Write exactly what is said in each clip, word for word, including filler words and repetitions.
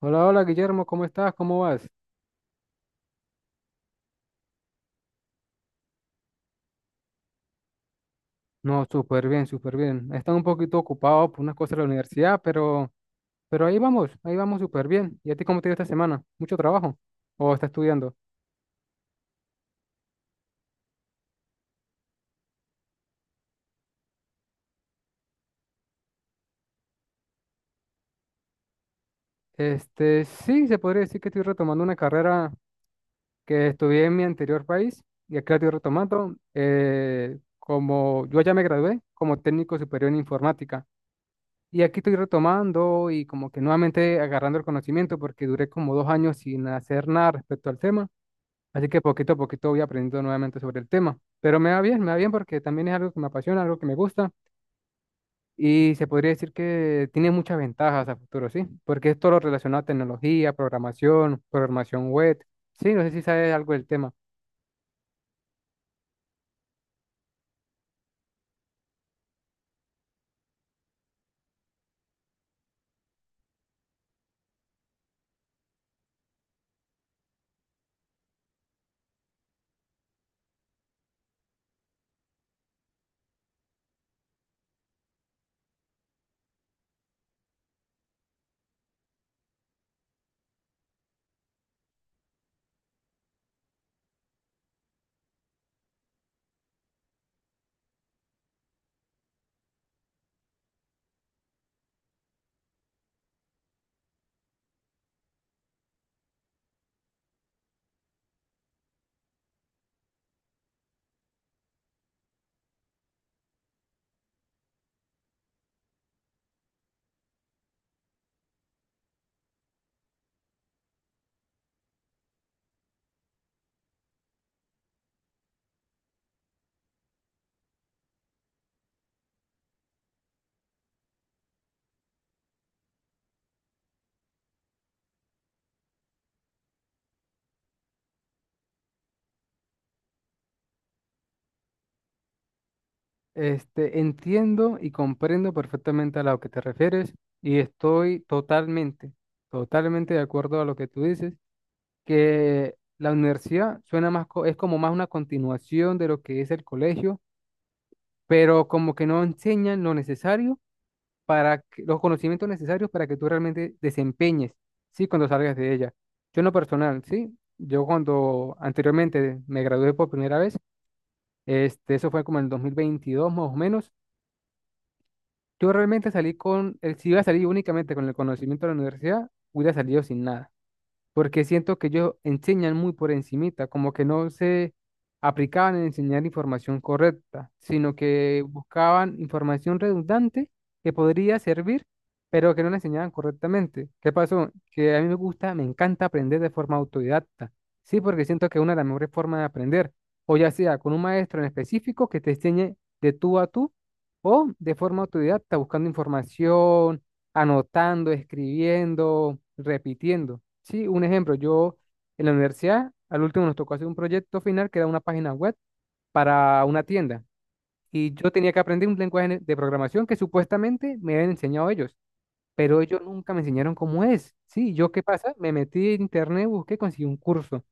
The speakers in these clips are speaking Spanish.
Hola, hola Guillermo, ¿cómo estás? ¿Cómo vas? No, súper bien, súper bien. He estado un poquito ocupado por unas cosas de la universidad, pero, pero ahí vamos, ahí vamos súper bien. ¿Y a ti cómo te ha ido esta semana? ¿Mucho trabajo? ¿O estás estudiando? Este, sí, se podría decir que estoy retomando una carrera que estudié en mi anterior país y aquí la estoy retomando. Eh, como yo ya me gradué como técnico superior en informática y aquí estoy retomando y como que nuevamente agarrando el conocimiento porque duré como dos años sin hacer nada respecto al tema. Así que poquito a poquito voy aprendiendo nuevamente sobre el tema. Pero me va bien, me va bien porque también es algo que me apasiona, algo que me gusta. Y se podría decir que tiene muchas ventajas a futuro, ¿sí? Porque es todo lo relacionado a tecnología, programación, programación web. Sí, no sé si sabes algo del tema. Este, entiendo y comprendo perfectamente a lo que te refieres y estoy totalmente, totalmente de acuerdo a lo que tú dices, que la universidad suena más, co- es como más una continuación de lo que es el colegio, pero como que no enseñan lo necesario para que- los conocimientos necesarios para que tú realmente desempeñes, ¿sí? Cuando salgas de ella. Yo en lo personal, ¿sí? Yo cuando anteriormente me gradué por primera vez, este, eso fue como en el dos mil veintidós más o menos, yo realmente salí con, el, si iba a salir únicamente con el conocimiento de la universidad, hubiera salido sin nada porque siento que ellos enseñan muy por encimita, como que no se aplicaban en enseñar información correcta, sino que buscaban información redundante que podría servir, pero que no la enseñaban correctamente. ¿Qué pasó? Que a mí me gusta, me encanta aprender de forma autodidacta, sí, porque siento que es una de las mejores formas de aprender, o ya sea con un maestro en específico que te enseñe de tú a tú, o de forma autodidacta, buscando información, anotando, escribiendo, repitiendo. Sí, un ejemplo, yo en la universidad, al último nos tocó hacer un proyecto final que era una página web para una tienda. Y yo tenía que aprender un lenguaje de programación que supuestamente me habían enseñado ellos, pero ellos nunca me enseñaron cómo es. Sí, ¿yo qué pasa? Me metí en internet, busqué, conseguí un curso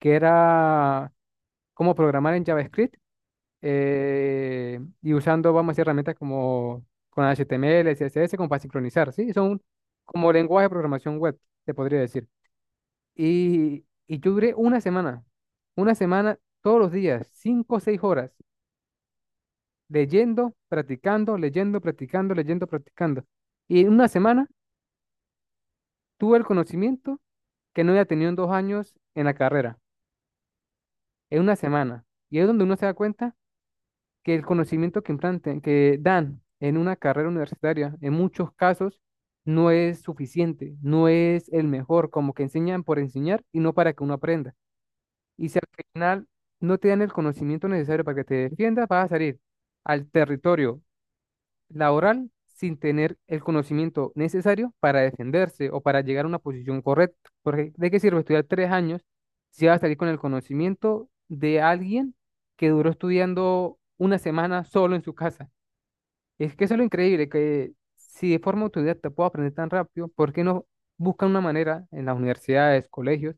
que era cómo programar en JavaScript eh, y usando, vamos a decir, herramientas como con H T M L, C S S, como para sincronizar, ¿sí? Son como lenguaje de programación web, se podría decir. Y, y yo duré una semana, una semana todos los días, cinco o seis horas, leyendo, practicando, leyendo, practicando, leyendo, practicando. Y en una semana tuve el conocimiento que no había tenido en dos años en la carrera, en una semana. Y es donde uno se da cuenta que el conocimiento que implanten, que dan en una carrera universitaria, en muchos casos, no es suficiente, no es el mejor, como que enseñan por enseñar y no para que uno aprenda. Y si al final no te dan el conocimiento necesario para que te defiendas, vas a salir al territorio laboral sin tener el conocimiento necesario para defenderse o para llegar a una posición correcta. Porque ¿de qué sirve estudiar tres años si vas a salir con el conocimiento de alguien que duró estudiando una semana solo en su casa? Y Es que eso es lo increíble, que si de forma autodidacta puedo aprender tan rápido, ¿por qué no buscan una manera en las universidades, colegios,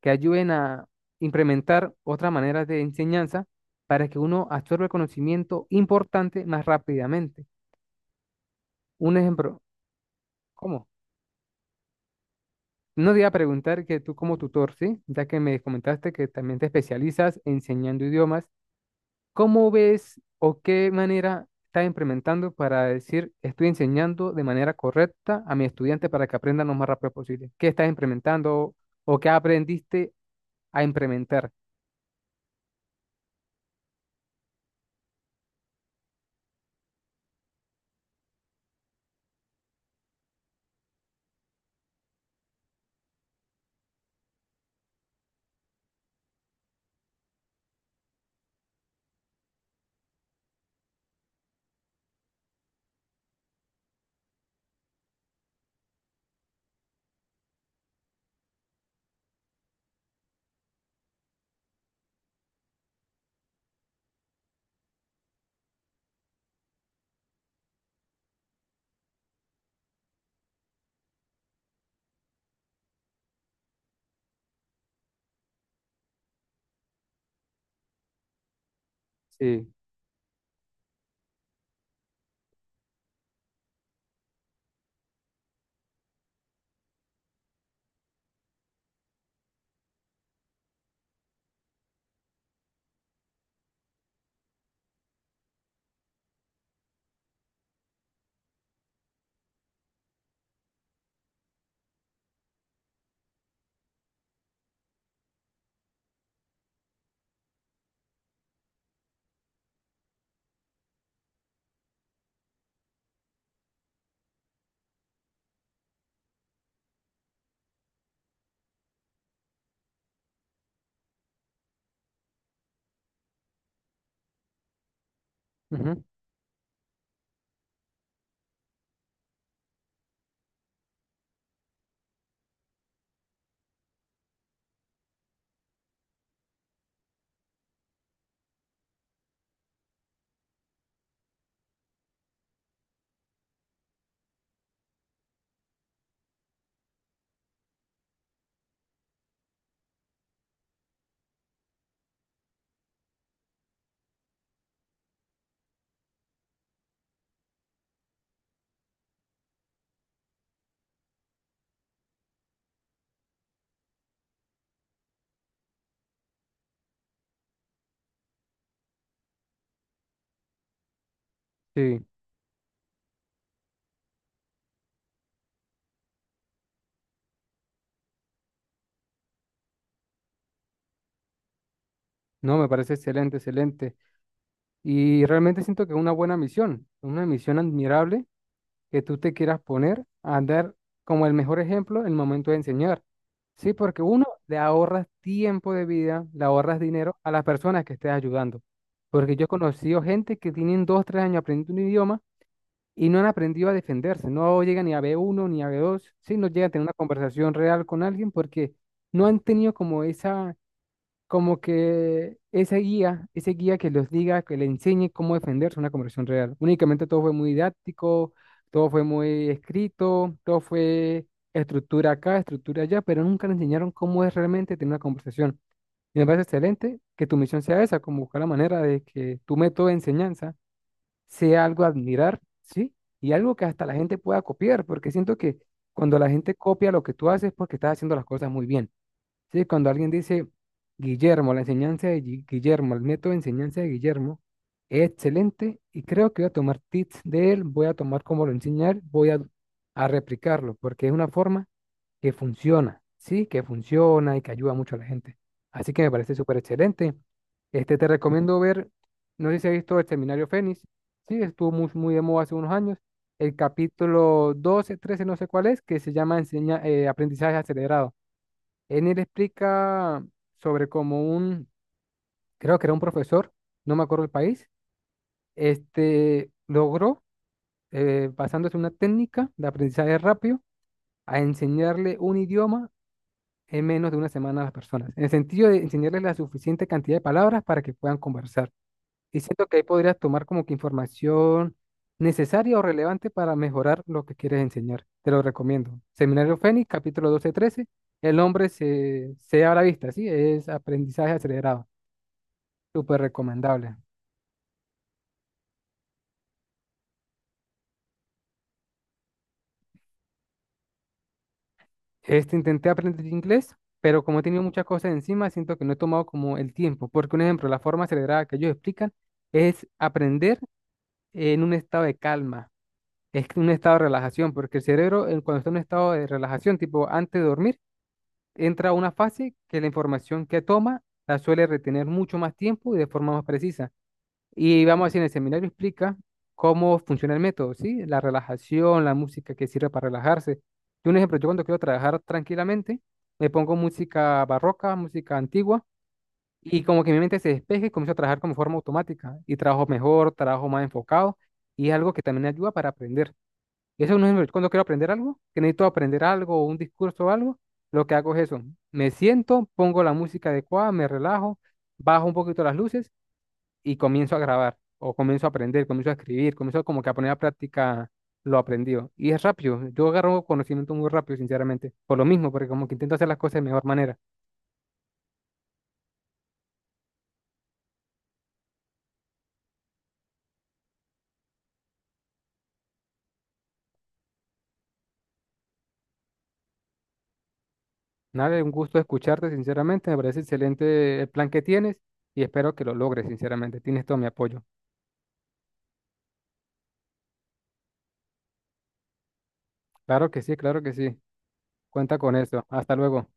que ayuden a implementar otras maneras de enseñanza para que uno absorba el conocimiento importante más rápidamente? Un ejemplo, ¿cómo? No te iba a preguntar que tú como tutor, ¿sí? Ya que me comentaste que también te especializas enseñando idiomas. ¿Cómo ves o qué manera estás implementando para decir estoy enseñando de manera correcta a mis estudiantes para que aprendan lo más rápido posible? ¿Qué estás implementando o qué aprendiste a implementar? Sí, ujú, sí, no, me parece excelente, excelente. Y realmente siento que es una buena misión, una misión admirable que tú te quieras poner a dar como el mejor ejemplo en el momento de enseñar. Sí, porque uno le ahorras tiempo de vida, le ahorras dinero a las personas que estés ayudando. Porque yo he conocido gente que tienen dos, tres años aprendiendo un idioma y no han aprendido a defenderse. No llegan ni a b uno ni a b dos. Sí, no llegan a tener una conversación real con alguien porque no han tenido como esa, como que ese guía, ese guía que los diga, que le enseñe cómo defenderse en una conversación real. Únicamente todo fue muy didáctico, todo fue muy escrito, todo fue estructura acá, estructura allá, pero nunca le enseñaron cómo es realmente tener una conversación. Y me parece excelente que tu misión sea esa, como buscar la manera de que tu método de enseñanza sea algo a admirar, ¿sí? Y algo que hasta la gente pueda copiar, porque siento que cuando la gente copia lo que tú haces es porque estás haciendo las cosas muy bien. Sí, cuando alguien dice Guillermo, la enseñanza de Gui- Guillermo, el método de enseñanza de Guillermo es excelente y creo que voy a tomar tips de él, voy a tomar cómo lo enseña él, voy a, a replicarlo, porque es una forma que funciona, sí, que funciona y que ayuda mucho a la gente. Así que me parece súper excelente. Este, te recomiendo ver, no sé si has visto el seminario Fénix, sí, estuvo muy, muy de moda hace unos años, el capítulo doce trece no sé cuál es, que se llama enseña, eh, aprendizaje acelerado. En él explica sobre cómo un, creo que era un profesor, no me acuerdo el país, este logró, eh, basándose en una técnica de aprendizaje rápido, a enseñarle un idioma en menos de una semana a las personas. En el sentido de enseñarles la suficiente cantidad de palabras para que puedan conversar. Y siento que ahí podrías tomar como que información necesaria o relevante para mejorar lo que quieres enseñar. Te lo recomiendo. Seminario Fénix, capítulo doce trece. El hombre se, se abre la vista, ¿sí? Es aprendizaje acelerado. Súper recomendable. Este intenté aprender inglés, pero como he tenido muchas cosas encima, siento que no he tomado como el tiempo. Porque un ejemplo, la forma acelerada que ellos explican es aprender en un estado de calma. Es un estado de relajación, porque el cerebro, eh, cuando está en un estado de relajación, tipo antes de dormir, entra a una fase que la información que toma la suele retener mucho más tiempo y de forma más precisa. Y vamos a decir, en el seminario explica cómo funciona el método, ¿sí? La relajación, la música que sirve para relajarse. Yo, un ejemplo, yo cuando quiero trabajar tranquilamente, me pongo música barroca, música antigua, y como que mi mente se despeje y comienzo a trabajar como forma automática. Y trabajo mejor, trabajo más enfocado, y es algo que también ayuda para aprender. Eso es no es cuando quiero aprender algo, que necesito aprender algo o un discurso o algo, lo que hago es eso. Me siento, pongo la música adecuada, me relajo, bajo un poquito las luces y comienzo a grabar o comienzo a aprender, comienzo a escribir, comienzo como que a poner a práctica lo aprendido. Y es rápido, yo agarro conocimiento muy rápido, sinceramente, por lo mismo, porque como que intento hacer las cosas de mejor manera. Nada, un gusto escucharte, sinceramente, me parece excelente el plan que tienes y espero que lo logres, sinceramente. Tienes todo mi apoyo. Claro que sí, claro que sí. Cuenta con eso. Hasta luego.